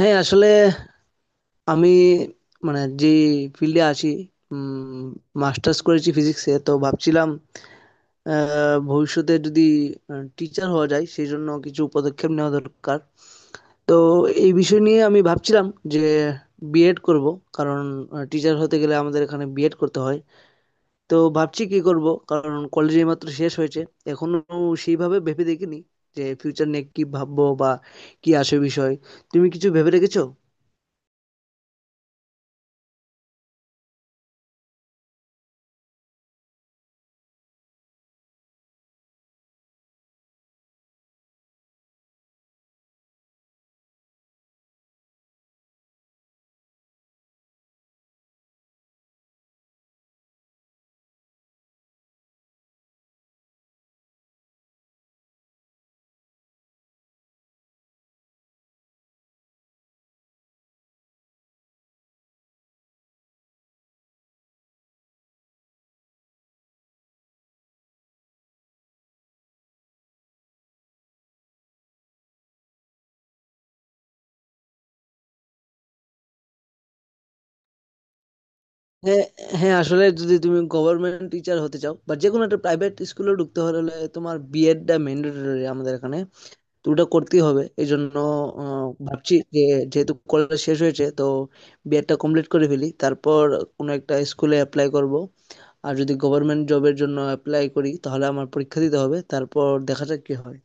হ্যাঁ, আসলে আমি মানে যে ফিল্ডে আছি, মাস্টার্স করেছি ফিজিক্সে। তো ভাবছিলাম ভবিষ্যতে যদি টিচার হওয়া যায় সেই জন্য কিছু পদক্ষেপ নেওয়া দরকার। তো এই বিষয় নিয়ে আমি ভাবছিলাম যে বিএড করব, কারণ টিচার হতে গেলে আমাদের এখানে বিএড করতে হয়। তো ভাবছি কি করব, কারণ কলেজে মাত্র শেষ হয়েছে। এখনো সেইভাবে ভেবে দেখিনি যে ফিউচার নিয়ে কি ভাববো বা কি আসে বিষয়। তুমি কিছু ভেবে রেখেছো? হ্যাঁ, হ্যাঁ আসলে যদি তুমি গভর্নমেন্ট টিচার হতে চাও বা যে কোনো একটা প্রাইভেট স্কুলে ঢুকতে হলে তোমার বিএডটা ম্যান্ডেটরি আমাদের এখানে। তো ওটা করতেই হবে। এই জন্য ভাবছি যে যেহেতু কলেজ শেষ হয়েছে, তো বিএডটা কমপ্লিট করে ফেলি, তারপর কোনো একটা স্কুলে অ্যাপ্লাই করব। আর যদি গভর্নমেন্ট জবের জন্য অ্যাপ্লাই করি তাহলে আমার পরীক্ষা দিতে হবে, তারপর দেখা যাক কি হয়।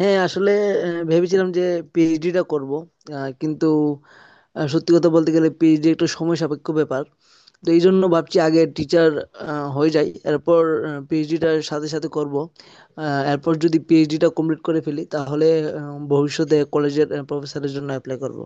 হ্যাঁ আসলে ভেবেছিলাম যে পিএইচডিটা করব, কিন্তু সত্যি কথা বলতে গেলে পিএইচডি একটু সময় সাপেক্ষ ব্যাপার। তো এই জন্য ভাবছি আগে টিচার হয়ে যাই, এরপর পিএইচডিটার সাথে সাথে করব। এরপর যদি পিএইচডিটা কমপ্লিট করে ফেলি তাহলে ভবিষ্যতে কলেজের প্রফেসরের জন্য অ্যাপ্লাই করব।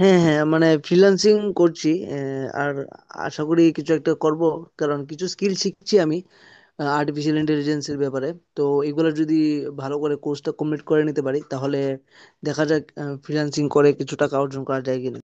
হ্যাঁ, হ্যাঁ মানে ফ্রিল্যান্সিং করছি। আর আশা করি কিছু একটা করব, কারণ কিছু স্কিল শিখছি আমি আর্টিফিশিয়াল ইন্টেলিজেন্সের ব্যাপারে। তো এগুলো যদি ভালো করে কোর্সটা কমপ্লিট করে নিতে পারি তাহলে দেখা যাক ফ্রিল্যান্সিং করে কিছু টাকা অর্জন করা যায় কিনা।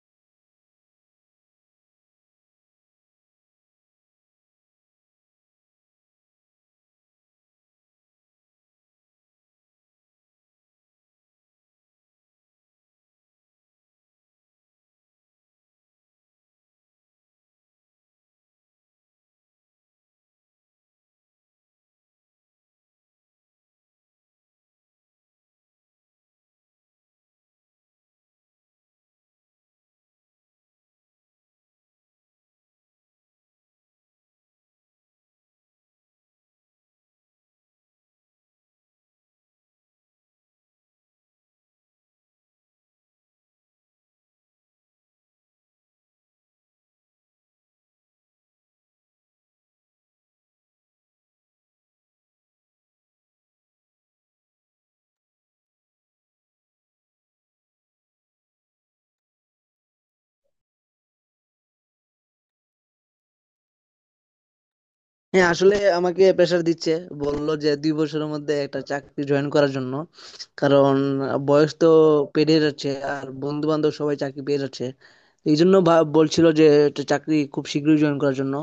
হ্যাঁ, আসলে আমাকে প্রেশার দিচ্ছে। বললো যে ২ বছরের মধ্যে একটা চাকরি জয়েন করার জন্য। কারণ বয়স তো পেরিয়ে যাচ্ছে, আর বন্ধু-বান্ধব সবাই চাকরি পেয়ে যাচ্ছে। এইজন্য ভা বলছিল যে একটা চাকরি খুব শীঘ্রই জয়েন করার জন্য।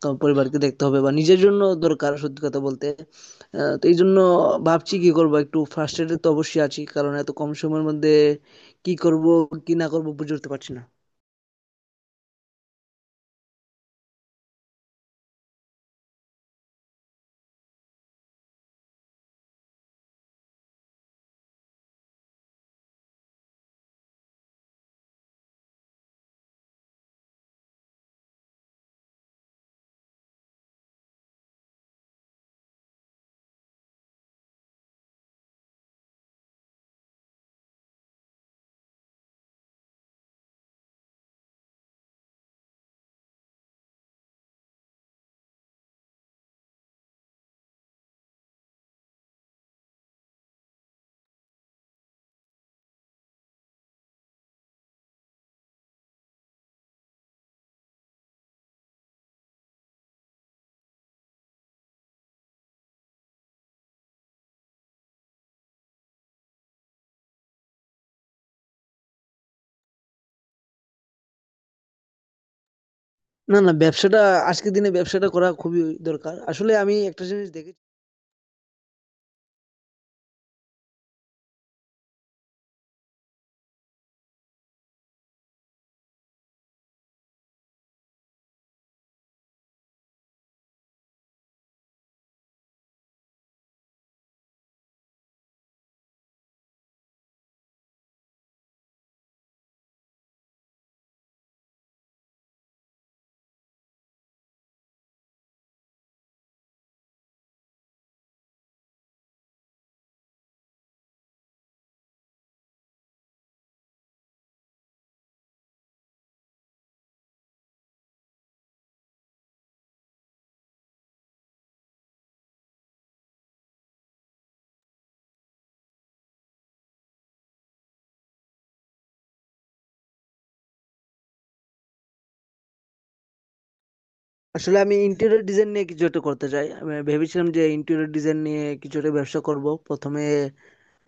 তো পরিবারকে দেখতে হবে বা নিজের জন্য দরকার সত্যি কথা বলতে। তো এইজন্য ভাবছি কি করব, একটু ফ্রাস্ট্রেটেড তো অবশ্যই আছি। কারণ এত কম সময়ের মধ্যে কি করব, কি না করব বুঝে উঠতে পারছি না। না, না ব্যবসাটা, আজকের দিনে ব্যবসাটা করা খুবই দরকার। আসলে আমি একটা জিনিস দেখেছি। আসলে আমি ইন্টেরিয়র ডিজাইন নিয়ে কিছু একটা করতে চাই। আমি ভেবেছিলাম যে ইন্টেরিয়র ডিজাইন নিয়ে কিছু একটা ব্যবসা করব। প্রথমে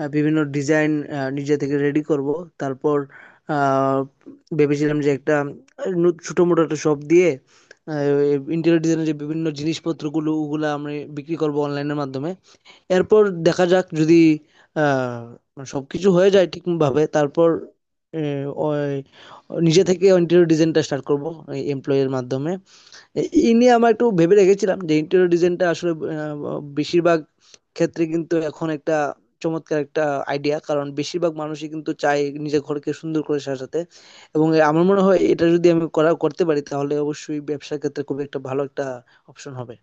বিভিন্ন ডিজাইন নিজে থেকে রেডি করব। তারপর আ ভেবেছিলাম যে একটা আ নু ছোটমোটো একটা শপ দিয়ে আ ইন্টেরিয়র ডিজাইনের যে বিভিন্ন জিনিসপত্রগুলো ওগুলা আমি বিক্রি করব অনলাইনের মাধ্যমে। এরপর দেখা যাক যদি আ সবকিছু হয়ে যায় ঠিকভাবে, তারপর এ ওই নিজে থেকে ইন্টেরিয়র ডিজাইনটা স্টার্ট করব এমপ্লয়ি এর মাধ্যমে। এ এই নিয়ে আমরা একটু ভেবে রেখেছিলাম যে ইন্টেরিয়র ডিজাইনটা আসলে বেশিরভাগ ক্ষেত্রে কিন্তু এখন একটা চমৎকার একটা আইডিয়া, কারণ বেশিরভাগ মানুষই কিন্তু চায় নিজের ঘরকে সুন্দর করে সাজাতে। এবং আমার মনে হয় এটা যদি আমি করতে পারি তাহলে অবশ্যই ব্যবসার ক্ষেত্রে খুব একটা ভালো একটা অপশন হবে।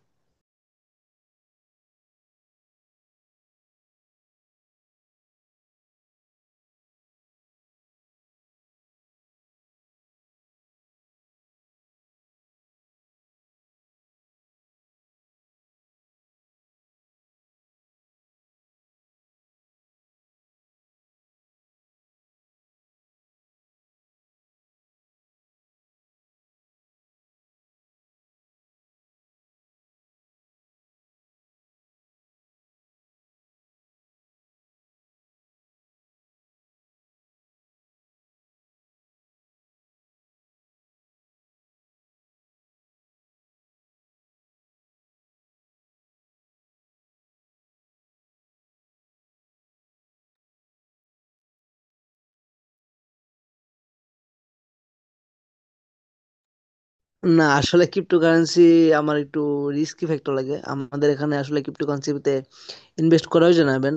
না, আসলে ক্রিপ্টোকারেন্সি আমার একটু রিস্কি ফ্যাক্টর লাগে। আমাদের এখানে আসলে ক্রিপ্টোকারেন্সিতে ইনভেস্ট করাও জানাবেন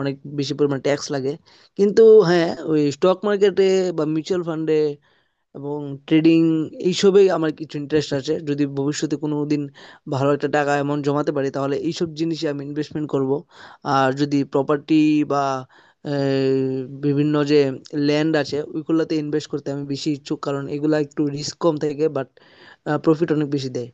অনেক বেশি পরিমাণ ট্যাক্স লাগে। কিন্তু হ্যাঁ, ওই স্টক মার্কেটে বা মিউচুয়াল ফান্ডে এবং ট্রেডিং এইসবেই আমার কিছু ইন্টারেস্ট আছে। যদি ভবিষ্যতে কোনো দিন ভালো একটা টাকা অ্যামাউন্ট জমাতে পারি তাহলে এইসব জিনিসে আমি ইনভেস্টমেন্ট করব। আর যদি প্রপার্টি বা আহ, বিভিন্ন যে ল্যান্ড আছে ওইগুলোতে ইনভেস্ট করতে আমি বেশি ইচ্ছুক, কারণ এগুলা একটু রিস্ক কম থাকে বাট প্রফিট অনেক বেশি দেয়।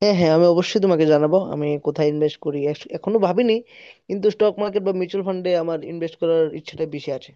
হ্যাঁ, হ্যাঁ আমি অবশ্যই তোমাকে জানাবো আমি কোথায় ইনভেস্ট করি। এখনো ভাবিনি, কিন্তু স্টক মার্কেট বা মিউচুয়াল ফান্ডে আমার ইনভেস্ট করার ইচ্ছাটা বেশি আছে।